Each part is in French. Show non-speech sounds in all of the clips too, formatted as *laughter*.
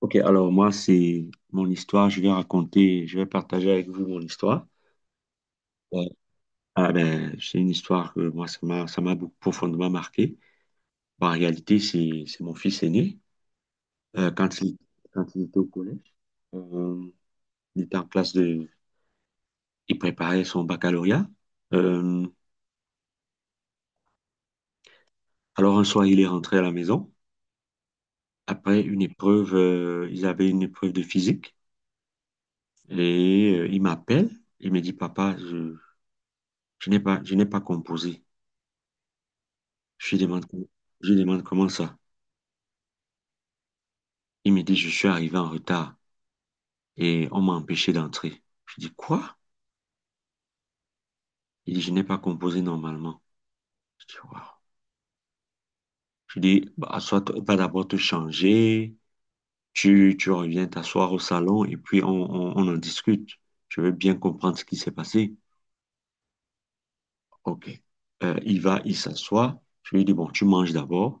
Ok, alors moi, c'est mon histoire. Je vais raconter, je vais partager avec vous mon histoire. Ouais. Ah ben, c'est une histoire que moi, ça m'a profondément marqué. Bah, en réalité, c'est mon fils aîné. Euh, quand il, quand il était au collège, euh, il était en classe de, il préparait son baccalauréat. Euh, alors un soir, il est rentré à la maison. Après une épreuve, ils avaient une épreuve de physique. Et il m'appelle. Il me dit, Papa, je n'ai pas composé. Je lui demande, je lui demande comment ça. Il me dit, je suis arrivé en retard et on m'a empêché d'entrer. Je dis, quoi? Il dit, je n'ai pas composé normalement. Je dis, waouh. Je dis, bah, va d'abord te changer, tu reviens t'asseoir au salon et puis on en discute. Je veux bien comprendre ce qui s'est passé. OK. Il s'assoit. Je lui dis, bon, tu manges d'abord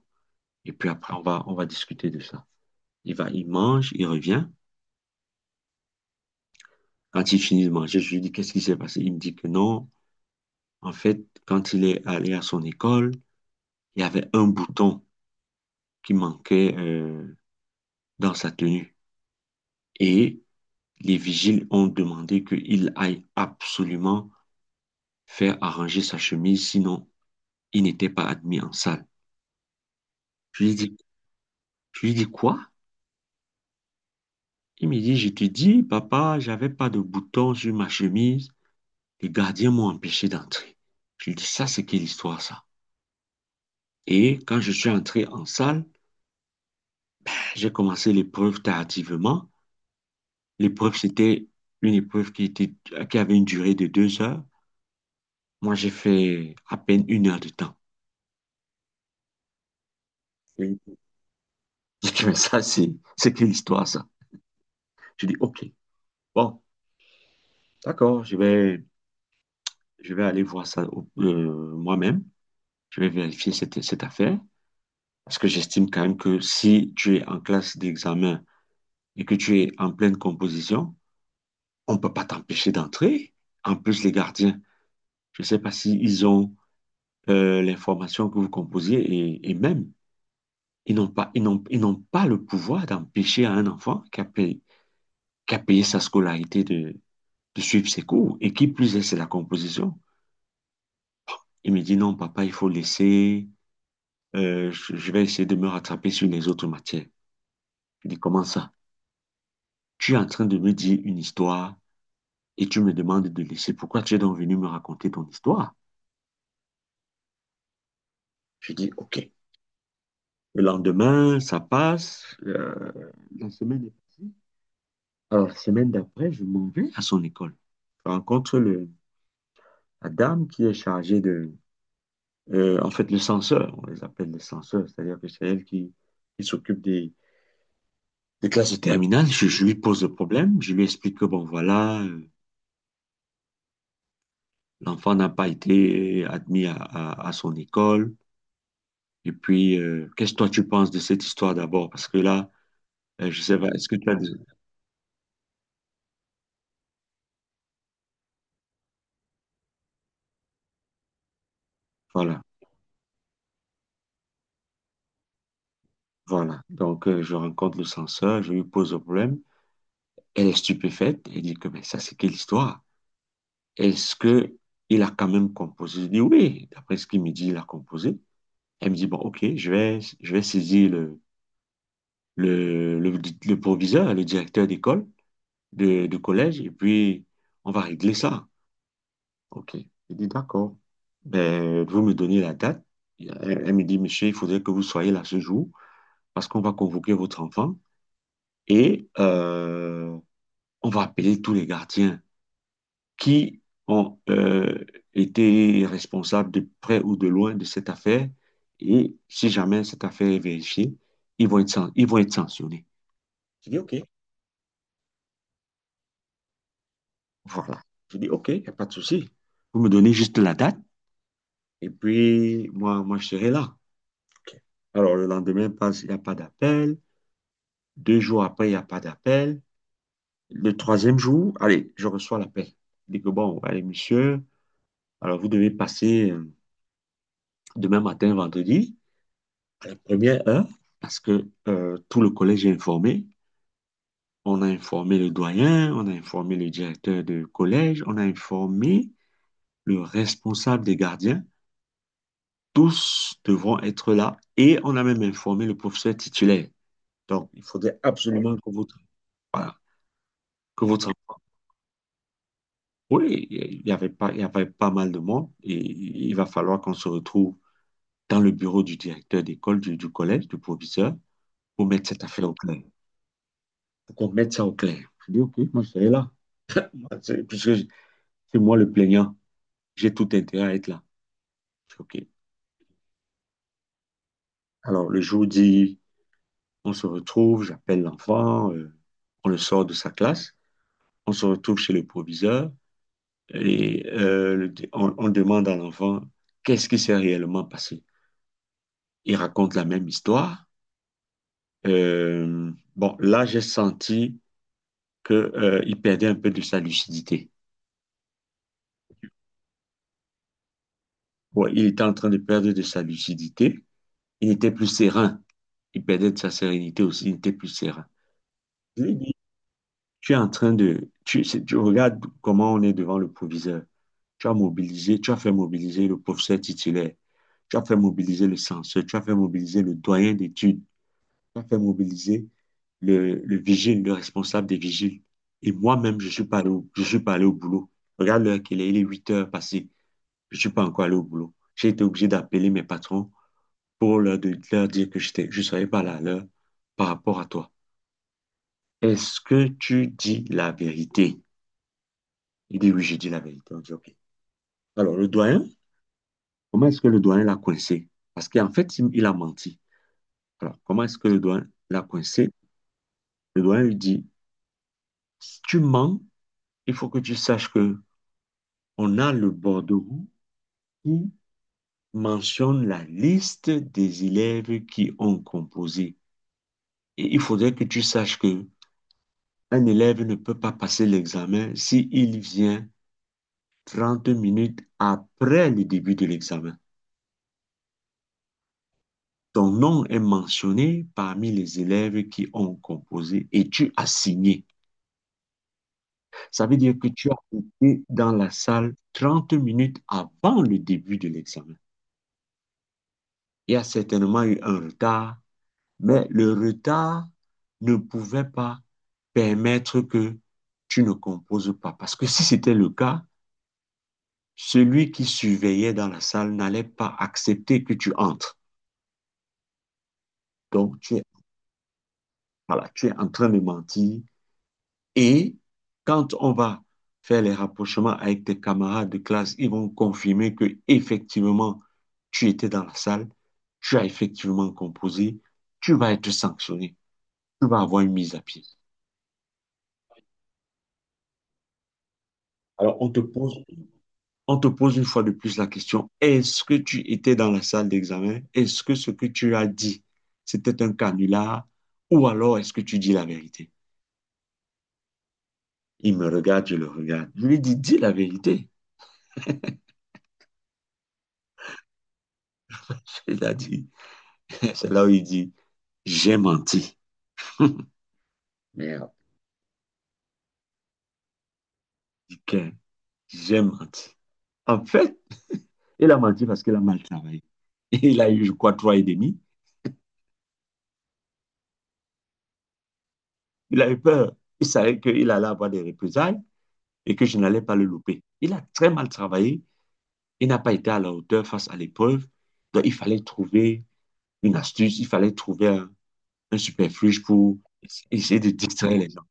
et puis après, on va discuter de ça. Il va, il mange, il revient. Quand il finit de manger, je lui dis, qu'est-ce qui s'est passé? Il me dit que non. En fait, quand il est allé à son école, il y avait un bouton qui manquait dans sa tenue. Et les vigiles ont demandé qu'il aille absolument faire arranger sa chemise, sinon il n'était pas admis en salle. Je lui dis, je lui dis quoi? Il me dit, je te dis, papa, j'avais pas de bouton sur ma chemise. Les gardiens m'ont empêché d'entrer. Je lui dis, ça, c'est quelle histoire, ça? Et quand je suis entré en salle, j'ai commencé l'épreuve tardivement. L'épreuve, c'était une épreuve qui avait une durée de 2 heures. Moi, j'ai fait à peine 1 heure de temps. Et je dis, mais ça, c'est quelle histoire, ça? Je dis, OK, bon, d'accord, je vais aller voir ça moi-même. Je vais vérifier cette affaire. Parce que j'estime quand même que si tu es en classe d'examen et que tu es en pleine composition, on ne peut pas t'empêcher d'entrer. En plus, les gardiens, je ne sais pas s'ils ont l'information que vous composiez et même. Ils n'ont pas le pouvoir d'empêcher à un enfant qui a payé sa scolarité de suivre ses cours et qui plus est, c'est la composition. Il me dit non, papa, il faut laisser, je vais essayer de me rattraper sur les autres matières. Je dis comment ça? Tu es en train de me dire une histoire et tu me demandes de laisser. Pourquoi tu es donc venu me raconter ton histoire? Je dis ok. Le lendemain, ça passe, la semaine est passée. Alors, la semaine d'après, je m'en vais à son école. Je rencontre le, La dame qui est chargée en fait, le censeur, on les appelle les censeurs, c'est-à-dire que c'est elle qui s'occupe des classes de terminale. Je lui pose le problème, je lui explique que, bon, voilà, l'enfant n'a pas été admis à son école. Et puis, qu'est-ce que toi tu penses de cette histoire d'abord? Parce que là, je sais pas, est-ce que tu as... Voilà, voilà. Donc, je rencontre le censeur, je lui pose le problème. Elle est stupéfaite, elle dit que, mais ça, c'est quelle histoire? Est-ce que il a quand même composé? Je dis oui, d'après ce qu'il me dit, il a composé. Elle me dit, bon, ok, je vais saisir le, le, le proviseur, le directeur d'école, de collège, et puis on va régler ça. Ok. Je dis, d'accord. Ben, vous me donnez la date. Elle me dit, monsieur, il faudrait que vous soyez là ce jour, parce qu'on va convoquer votre enfant et on va appeler tous les gardiens qui ont été responsables de près ou de loin de cette affaire. Et si jamais cette affaire est vérifiée, ils vont être sanctionnés. Je dis OK. Voilà. Je dis OK, il n'y a pas de souci. Vous me donnez juste la date et puis moi, moi je serai là. OK. Alors le lendemain passe, il n'y a pas d'appel. 2 jours après, il n'y a pas d'appel. Le troisième jour, allez, je reçois l'appel. Je dis que bon, allez, monsieur, alors vous devez passer demain matin, vendredi, la première heure, parce que tout le collège est informé. On a informé le doyen, on a informé le directeur de collège, on a informé le responsable des gardiens. Tous devront être là et on a même informé le professeur titulaire. Donc, il faudrait absolument voilà, que votre enfant. Oui, il y avait pas mal de monde et il va falloir qu'on se retrouve dans le bureau du directeur d'école, du collège, du proviseur, pour mettre cette affaire au clair. Pour qu'on mette ça au clair. Je dis, OK, moi, je serai là. Puisque c'est moi le plaignant, j'ai tout intérêt à être là. Je fais, OK. Alors, le jour dit, on se retrouve, j'appelle l'enfant, on le sort de sa classe, on se retrouve chez le proviseur et on demande à l'enfant qu'est-ce qui s'est réellement passé. Il raconte la même histoire. Euh, bon, là, j'ai senti que il perdait un peu de sa lucidité. Ouais, il était en train de perdre de sa lucidité. Il n'était plus serein. Il perdait de sa sérénité aussi. Il n'était plus serein. Tu es en train de... Tu, c'est- tu regardes comment on est devant le proviseur. Tu as fait mobiliser le professeur titulaire. Tu as fait mobiliser le censeur. Tu as fait mobiliser le doyen d'études. Tu as fait mobiliser le vigile, le responsable des vigiles. Et moi-même, je suis pas allé au boulot. Regarde l'heure qu'il est, il est 8 heures passées. Je suis pas encore allé au boulot. J'ai été obligé d'appeler mes patrons pour leur dire que je serais pas là à l'heure par rapport à toi. Est-ce que tu dis la vérité? Il dit oui, j'ai dit la vérité. On dit OK. Alors, le doyen, comment est-ce que le doyen l'a coincé? Parce qu'en fait, il a menti. Alors, comment est-ce que le doyen l'a coincé? Le doyen lui dit, si tu mens, il faut que tu saches que on a le bordereau qui mentionne la liste des élèves qui ont composé. Et il faudrait que tu saches que un élève ne peut pas passer l'examen s'il vient 30 minutes après le début de l'examen. Ton nom est mentionné parmi les élèves qui ont composé et tu as signé. Ça veut dire que tu as été dans la salle 30 minutes avant le début de l'examen. Il y a certainement eu un retard, mais le retard ne pouvait pas permettre que tu ne composes pas. Parce que si c'était le cas, celui qui surveillait dans la salle n'allait pas accepter que tu entres. Donc, voilà, tu es en train de mentir. Et quand on va faire les rapprochements avec tes camarades de classe, ils vont confirmer que effectivement tu étais dans la salle, tu as effectivement composé, tu vas être sanctionné, tu vas avoir une mise à pied. Alors on te pose, on te pose une fois de plus la question, est-ce que tu étais dans la salle d'examen? Est-ce que ce que tu as dit, c'était un canular? Ou alors est-ce que tu dis la vérité? Il me regarde, je le regarde. Je lui dis, dis la vérité. *laughs* Il a dit, *laughs* c'est là où il dit, j'ai menti. *laughs* Merde. Putain, j'ai menti. En fait, il a menti parce qu'il a mal travaillé. Il a eu, je crois, trois et demi. Il a eu peur. Il savait qu'il allait avoir des représailles et que je n'allais pas le louper. Il a très mal travaillé. Il n'a pas été à la hauteur face à l'épreuve. Donc, il fallait trouver une astuce. Il fallait trouver un superfuge pour essayer de distraire les gens.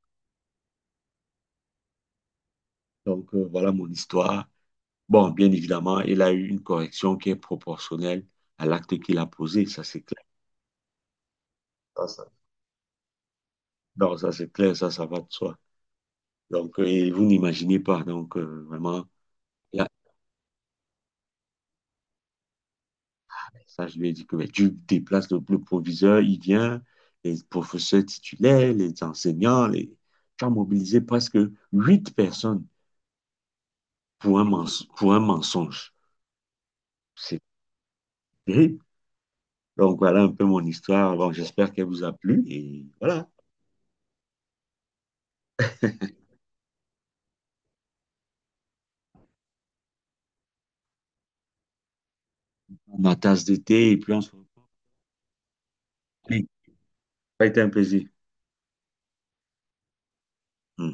Donc, voilà mon histoire. Bon, bien évidemment, il a eu une correction qui est proportionnelle à l'acte qu'il a posé. Ça, c'est clair. Non, ça c'est clair, ça va de soi. Donc, et vous n'imaginez pas. Donc, vraiment, là, ça, je lui ai dit que ben, tu déplaces le proviseur, il vient, les professeurs titulaires, les enseignants, les... tu as mobilisé presque 8 personnes pour un mensonge. C'est terrible. Donc, voilà un peu mon histoire. Bon, j'espère qu'elle vous a plu. Et voilà, ma tasse d'été, et puis on se retrouve. Oui, Ça a été un plaisir. Hmm.